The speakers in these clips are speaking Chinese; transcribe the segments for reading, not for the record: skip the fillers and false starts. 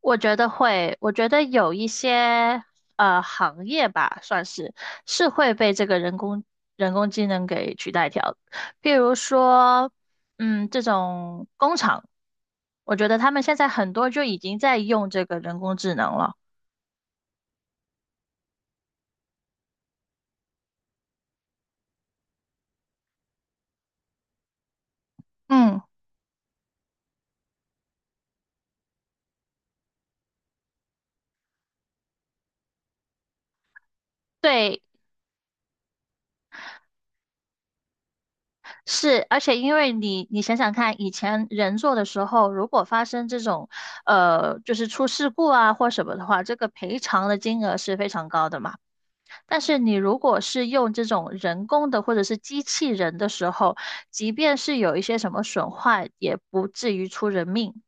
我觉得会，我觉得有一些行业吧，算是是会被这个人工智能给取代掉的。比如说，这种工厂，我觉得他们现在很多就已经在用这个人工智能了。嗯。对。是，而且因为你想想看，以前人做的时候，如果发生这种就是出事故啊或什么的话，这个赔偿的金额是非常高的嘛。但是你如果是用这种人工的或者是机器人的时候，即便是有一些什么损坏，也不至于出人命。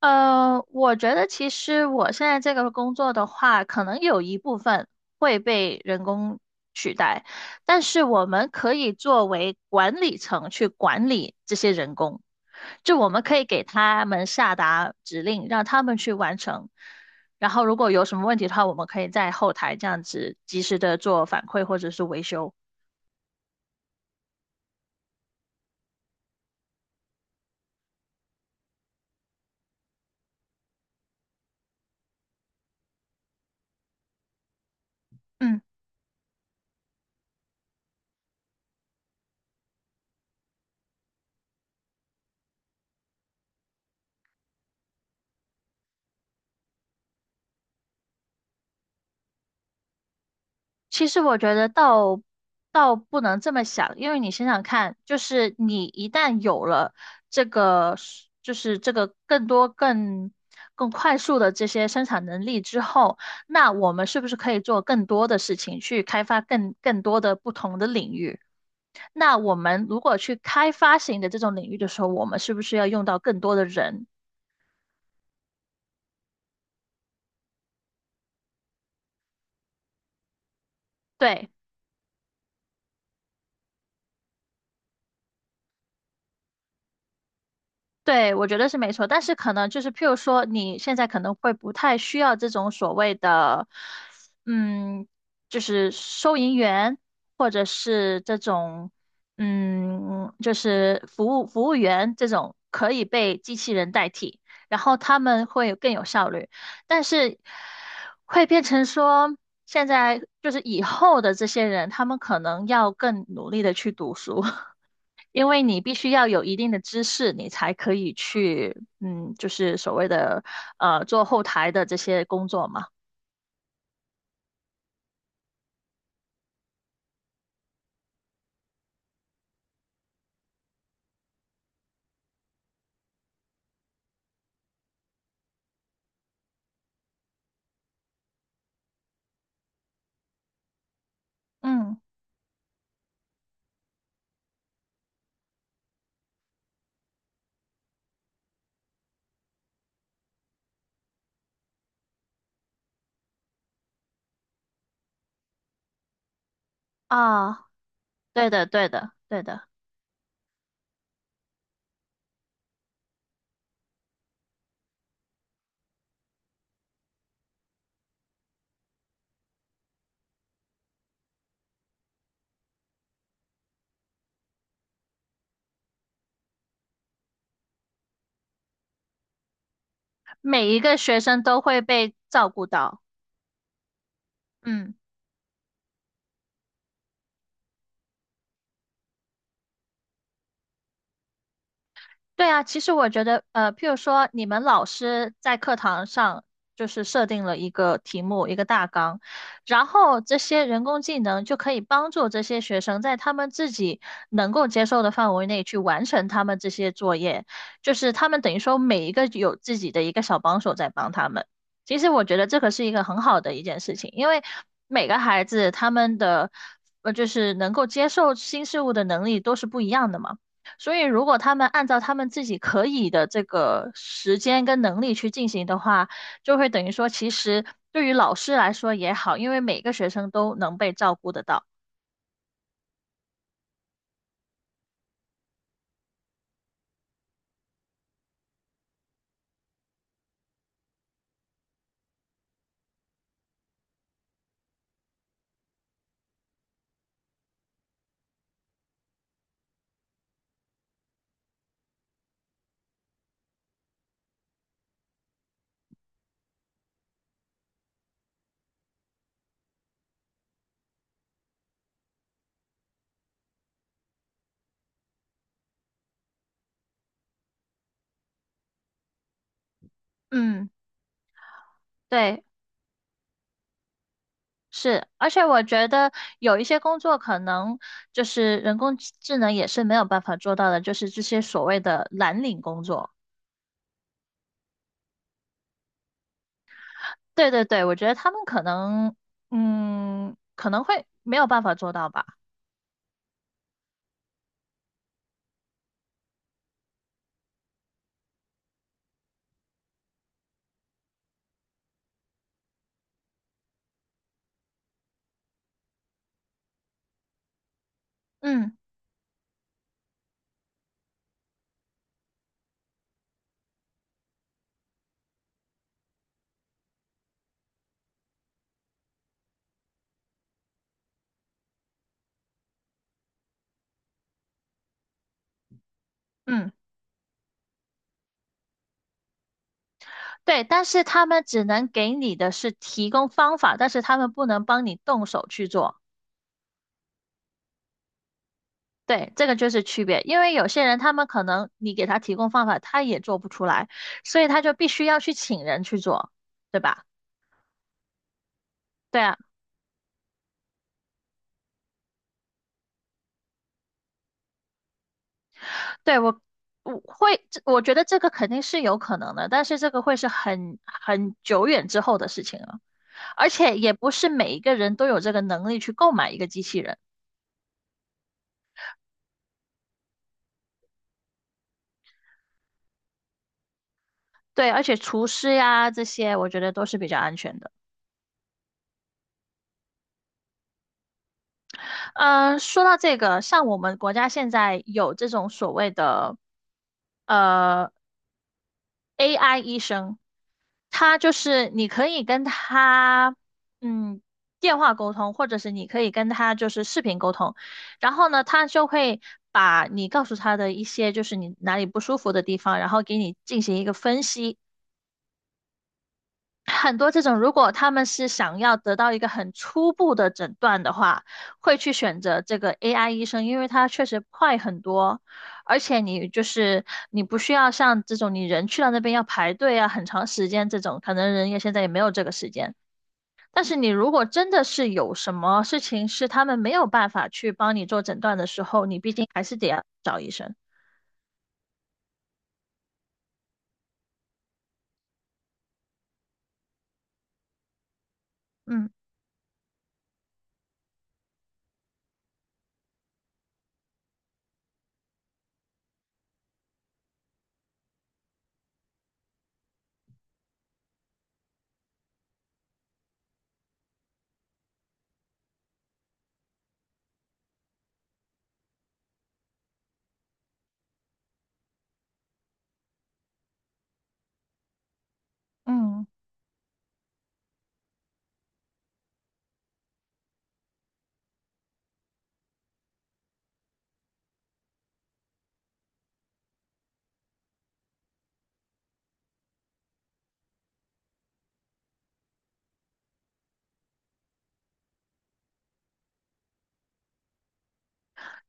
我觉得其实我现在这个工作的话，可能有一部分会被人工取代，但是我们可以作为管理层去管理这些人工，就我们可以给他们下达指令，让他们去完成。然后如果有什么问题的话，我们可以在后台这样子及时的做反馈或者是维修。嗯。其实我觉得倒不能这么想，因为你想想看，就是你一旦有了就是这个更多、更快速的这些生产能力之后，那我们是不是可以做更多的事情，去开发更多的不同的领域？那我们如果去开发型的这种领域的时候，我们是不是要用到更多的人？对。对，我觉得是没错，但是可能就是，譬如说，你现在可能会不太需要这种所谓的，嗯，就是收银员，或者是这种，嗯，就是服务员这种可以被机器人代替，然后他们会更有效率，但是会变成说，现在就是以后的这些人，他们可能要更努力的去读书。因为你必须要有一定的知识，你才可以去，嗯，就是所谓的做后台的这些工作嘛。嗯。啊，对的，对的，对的，每一个学生都会被照顾到。嗯。对啊，其实我觉得，譬如说，你们老师在课堂上就是设定了一个题目、一个大纲，然后这些人工技能就可以帮助这些学生在他们自己能够接受的范围内去完成他们这些作业，就是他们等于说每一个有自己的一个小帮手在帮他们。其实我觉得这个是一个很好的一件事情，因为每个孩子他们的就是能够接受新事物的能力都是不一样的嘛。所以，如果他们按照他们自己可以的这个时间跟能力去进行的话，就会等于说，其实对于老师来说也好，因为每个学生都能被照顾得到。嗯。对。是。而且我觉得有一些工作可能就是人工智能也是没有办法做到的，就是这些所谓的蓝领工作。对对对，我觉得他们可能，嗯，可能会没有办法做到吧。嗯嗯。对，但是他们只能给你的是提供方法，但是他们不能帮你动手去做。对，这个就是区别，因为有些人他们可能你给他提供方法，他也做不出来，所以他就必须要去请人去做，对吧？对啊。对，我会，这我觉得这个肯定是有可能的，但是这个会是很久远之后的事情了，而且也不是每一个人都有这个能力去购买一个机器人。对，而且厨师呀这些，我觉得都是比较安全的。说到这个，像我们国家现在有这种所谓的呃 AI 医生，他就是你可以跟他嗯电话沟通，或者是你可以跟他就是视频沟通，然后呢，他就会把你告诉他的一些就是你哪里不舒服的地方，然后给你进行一个分析，很多这种，如果他们是想要得到一个很初步的诊断的话，会去选择这个 AI 医生，因为它确实快很多，而且你就是你不需要像这种你人去到那边要排队啊，很长时间这种，可能人家现在也没有这个时间。但是你如果真的是有什么事情是他们没有办法去帮你做诊断的时候，你毕竟还是得要找医生。嗯嗯。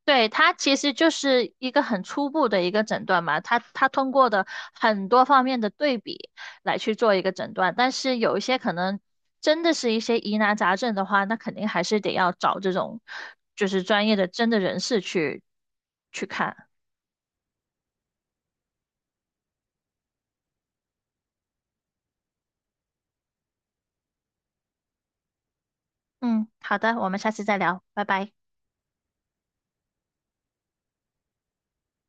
对，它其实就是一个很初步的一个诊断嘛，它通过的很多方面的对比来去做一个诊断，但是有一些可能真的是一些疑难杂症的话，那肯定还是得要找这种就是专业的真的人士去看。嗯，好的，我们下次再聊，拜拜。